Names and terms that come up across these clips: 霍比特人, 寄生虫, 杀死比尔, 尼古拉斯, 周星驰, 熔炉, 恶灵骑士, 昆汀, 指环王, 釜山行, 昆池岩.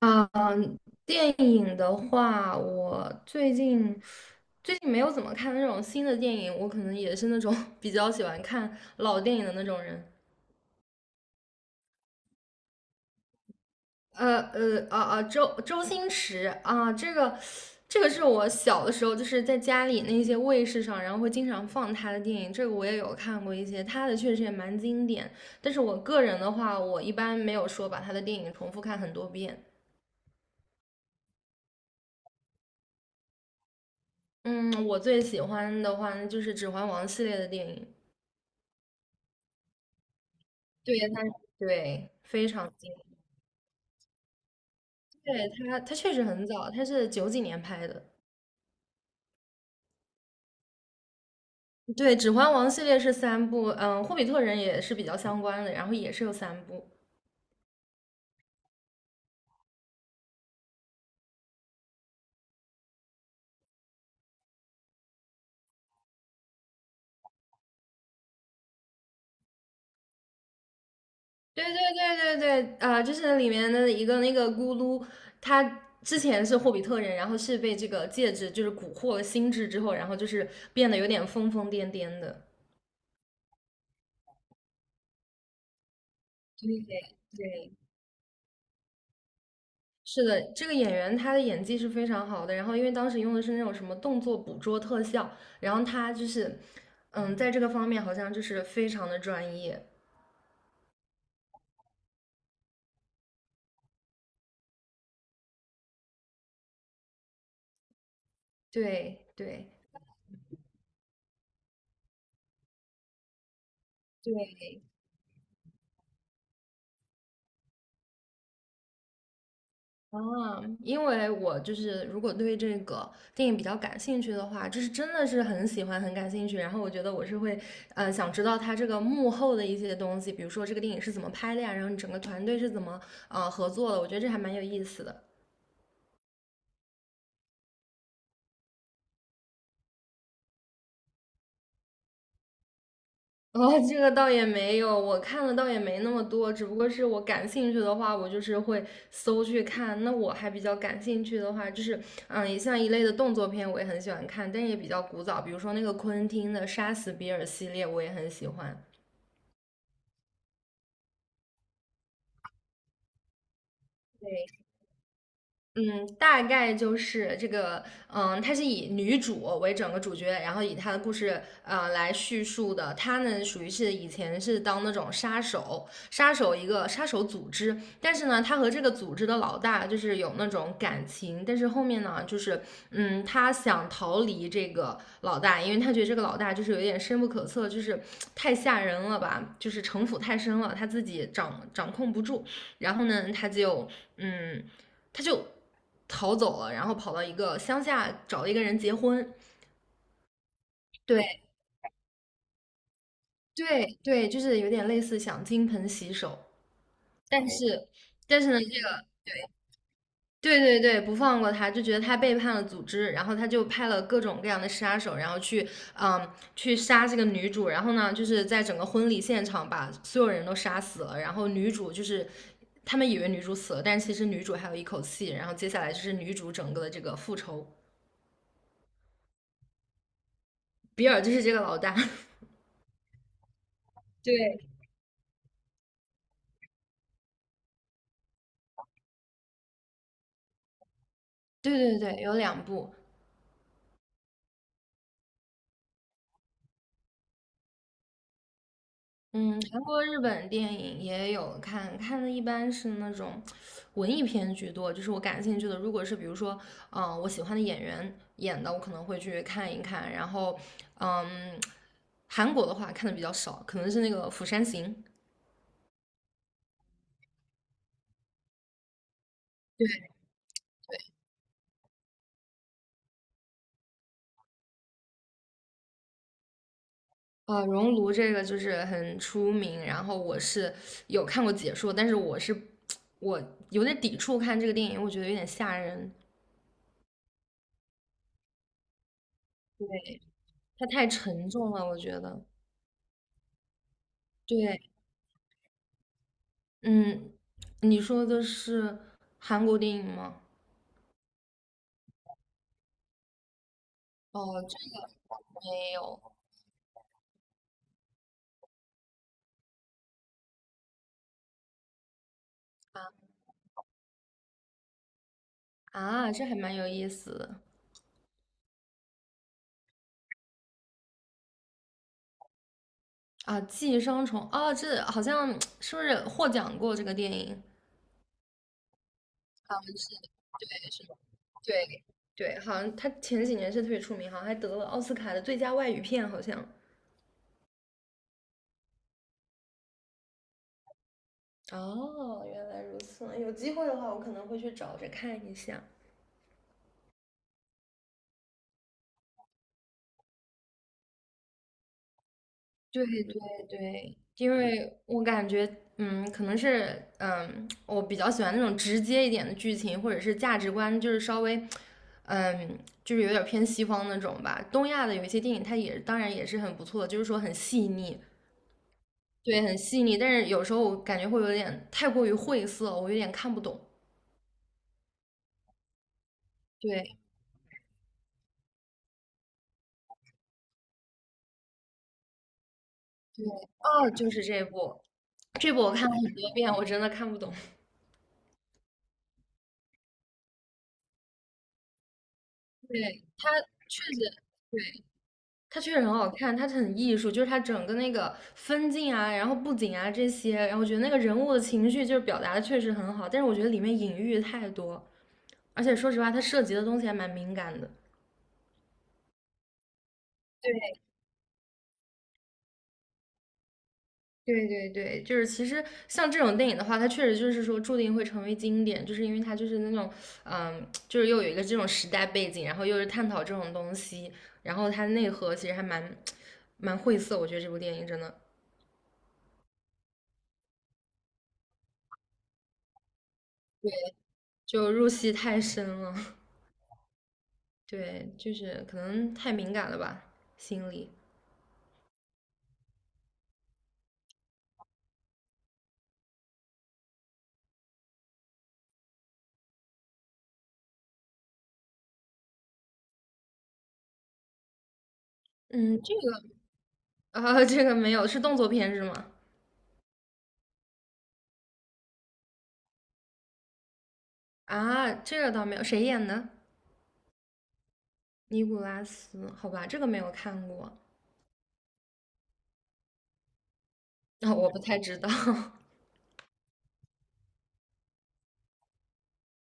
啊，电影的话，我最近没有怎么看那种新的电影，我可能也是那种 比较喜欢看老电影的那种人。周星驰啊，这个是我小的时候就是在家里那些卫视上，然后会经常放他的电影，这个我也有看过一些，他的确实也蛮经典。但是我个人的话，我一般没有说把他的电影重复看很多遍。嗯，我最喜欢的话那就是《指环王》系列的电影。对，他对非常近，对他确实很早，他是九几年拍的。对，《指环王》系列是三部，嗯，《霍比特人》也是比较相关的，然后也是有三部。对对对对对呃，就是里面的一个那个咕噜，他之前是霍比特人，然后是被这个戒指就是蛊惑了心智之后，然后就是变得有点疯疯癫癫的。对对是的，这个演员他的演技是非常好的。然后，因为当时用的是那种什么动作捕捉特效，然后他就是，嗯，在这个方面好像就是非常的专业。对对对，啊，因为我就是如果对这个电影比较感兴趣的话，就是真的是很喜欢、很感兴趣。然后我觉得我是会，想知道他这个幕后的一些东西，比如说这个电影是怎么拍的呀，然后你整个团队是怎么合作的，我觉得这还蛮有意思的。哦，这个倒也没有，我看的倒也没那么多，只不过是我感兴趣的话，我就是会搜去看。那我还比较感兴趣的话，就是也像一类的动作片，我也很喜欢看，但是也比较古早，比如说那个昆汀的《杀死比尔》系列，我也很喜欢。对。嗯，大概就是这个，嗯，它是以女主为整个主角，然后以她的故事，来叙述的。她呢，属于是以前是当那种杀手，杀手一个杀手组织，但是呢，她和这个组织的老大就是有那种感情，但是后面呢，就是，嗯，她想逃离这个老大，因为她觉得这个老大就是有点深不可测，就是太吓人了吧，就是城府太深了，她自己掌控不住。然后呢，她就，嗯。他就逃走了，然后跑到一个乡下找了一个人结婚。对对对，就是有点类似想金盆洗手，但是呢，这个对对对不放过他，就觉得他背叛了组织，然后他就派了各种各样的杀手，然后去嗯去杀这个女主，然后呢就是在整个婚礼现场把所有人都杀死了，然后女主就是。他们以为女主死了，但是其实女主还有一口气。然后接下来就是女主整个的这个复仇。比尔就是这个老大。对对对对，有两部，嗯，韩国、日本电影也有看，看的一般是那种文艺片居多，就是我感兴趣的，如果是比如说，嗯、我喜欢的演员演的，我可能会去看一看，然后，嗯，韩国的话看的比较少，可能是那个《釜山行》。呃，熔炉这个就是很出名，然后我是有看过解说，但是我是我有点抵触看这个电影，我觉得有点吓人，它太沉重了，我觉得。对，嗯，你说的是韩国电影吗？哦，这个我没有。啊啊，这还蛮有意思的。啊，《寄生虫》啊，这好像 是不是获奖过这个电影？是是的，对对，好像他前几年是特别出名，好像还得了奥斯卡的最佳外语片，好像。哦，原来如此，有机会的话，我可能会去找着看一下。对对对，因为我感觉，嗯，可能是，嗯，我比较喜欢那种直接一点的剧情，或者是价值观，就是稍微，嗯，就是有点偏西方那种吧。东亚的有一些电影，它也当然也是很不错的，就是说很细腻，对，很细腻。但是有时候我感觉会有点太过于晦涩，我有点看不懂。对，哦，就是这部，这部我看了很多遍，我真的看不懂。对，它确实。对。它确实很好看，它很艺术，就是它整个那个分镜啊，然后布景啊这些，然后我觉得那个人物的情绪就是表达的确实很好，但是我觉得里面隐喻太多，而且说实话，它涉及的东西还蛮敏感的。对，对对对，就是其实像这种电影的话，它确实就是说注定会成为经典，就是因为它就是那种，嗯，就是又有一个这种时代背景，然后又是探讨这种东西，然后它内核其实还蛮晦涩，我觉得这部电影真的就入戏太深了。对，就是可能太敏感了吧，心理。嗯，这个啊，这个没有，是动作片是吗？啊，这个倒没有，谁演的？尼古拉斯，好吧，这个没有看过，啊，我不太知道。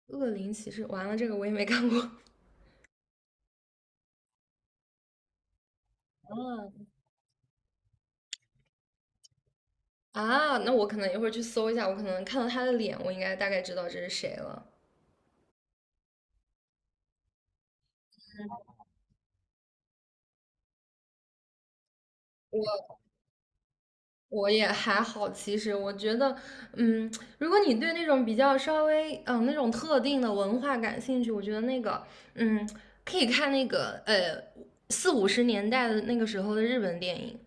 恶灵骑士，完了，这个我也没看过。嗯。啊，那我可能一会儿去搜一下，我可能看到他的脸，我应该大概知道这是谁了。我。我也还好，其实我觉得，嗯，如果你对那种比较稍微，嗯、那种特定的文化感兴趣，我觉得那个，嗯，可以看那个，四五十年代的那个时候的日本电影，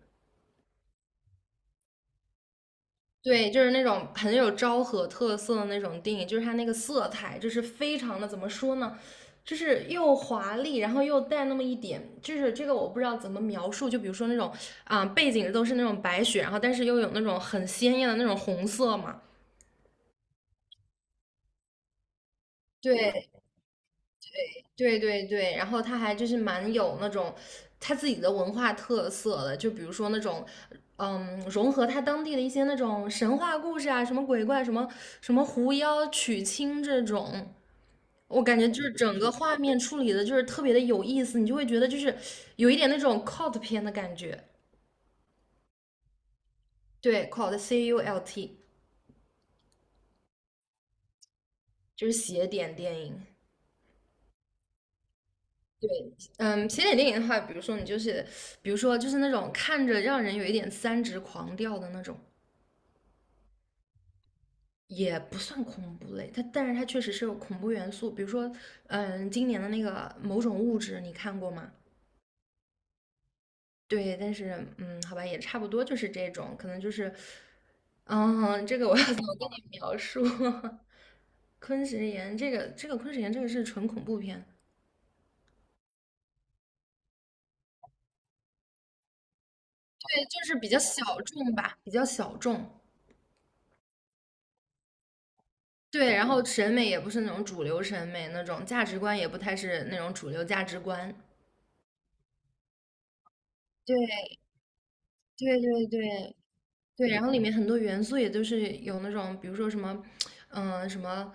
对，就是那种很有昭和特色的那种电影，就是它那个色彩，就是非常的，怎么说呢，就是又华丽，然后又带那么一点，就是这个我不知道怎么描述，就比如说那种，啊、背景都是那种白雪，然后但是又有那种很鲜艳的那种红色嘛。对对对对，然后他还就是蛮有那种他自己的文化特色的，就比如说那种，融合他当地的一些那种神话故事啊，什么鬼怪，什么狐妖娶亲这种，我感觉就是整个画面处理的就是特别的有意思，你就会觉得就是有一点那种 cult 片的感觉，对，cult CULT 就是邪典电影，对，嗯，起点电影的话，比如说你就是，比如说就是那种看着让人有一点三直狂掉的那种，也不算恐怖类，它但是它确实是有恐怖元素，比如说，今年的那个某种物质，你看过吗？对，但是嗯，好吧，也差不多就是这种，可能就是，嗯，这个我要怎么跟你描述？昆池岩这个，这个昆池岩这个是纯恐怖片，对，就是比较小众吧，比较小众。对，然后审美也不是那种主流审美那种，价值观也不太是那种主流价值观。对对对对对，然后里面很多元素也都是有那种，比如说什么，嗯、什么，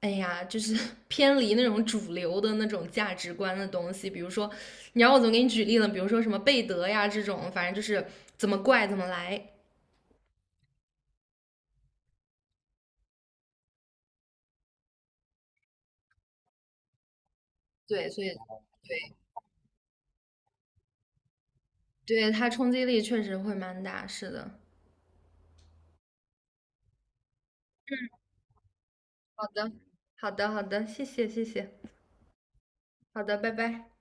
哎呀，就是 偏离那种主流的那种价值观的东西。比如说，你让我怎么给你举例呢？比如说什么贝德呀这种，反正就是怎么怪怎么来。对，所以对对，它冲击力确实会蛮大。是的。好的，好的，好的，谢谢。好的，拜拜。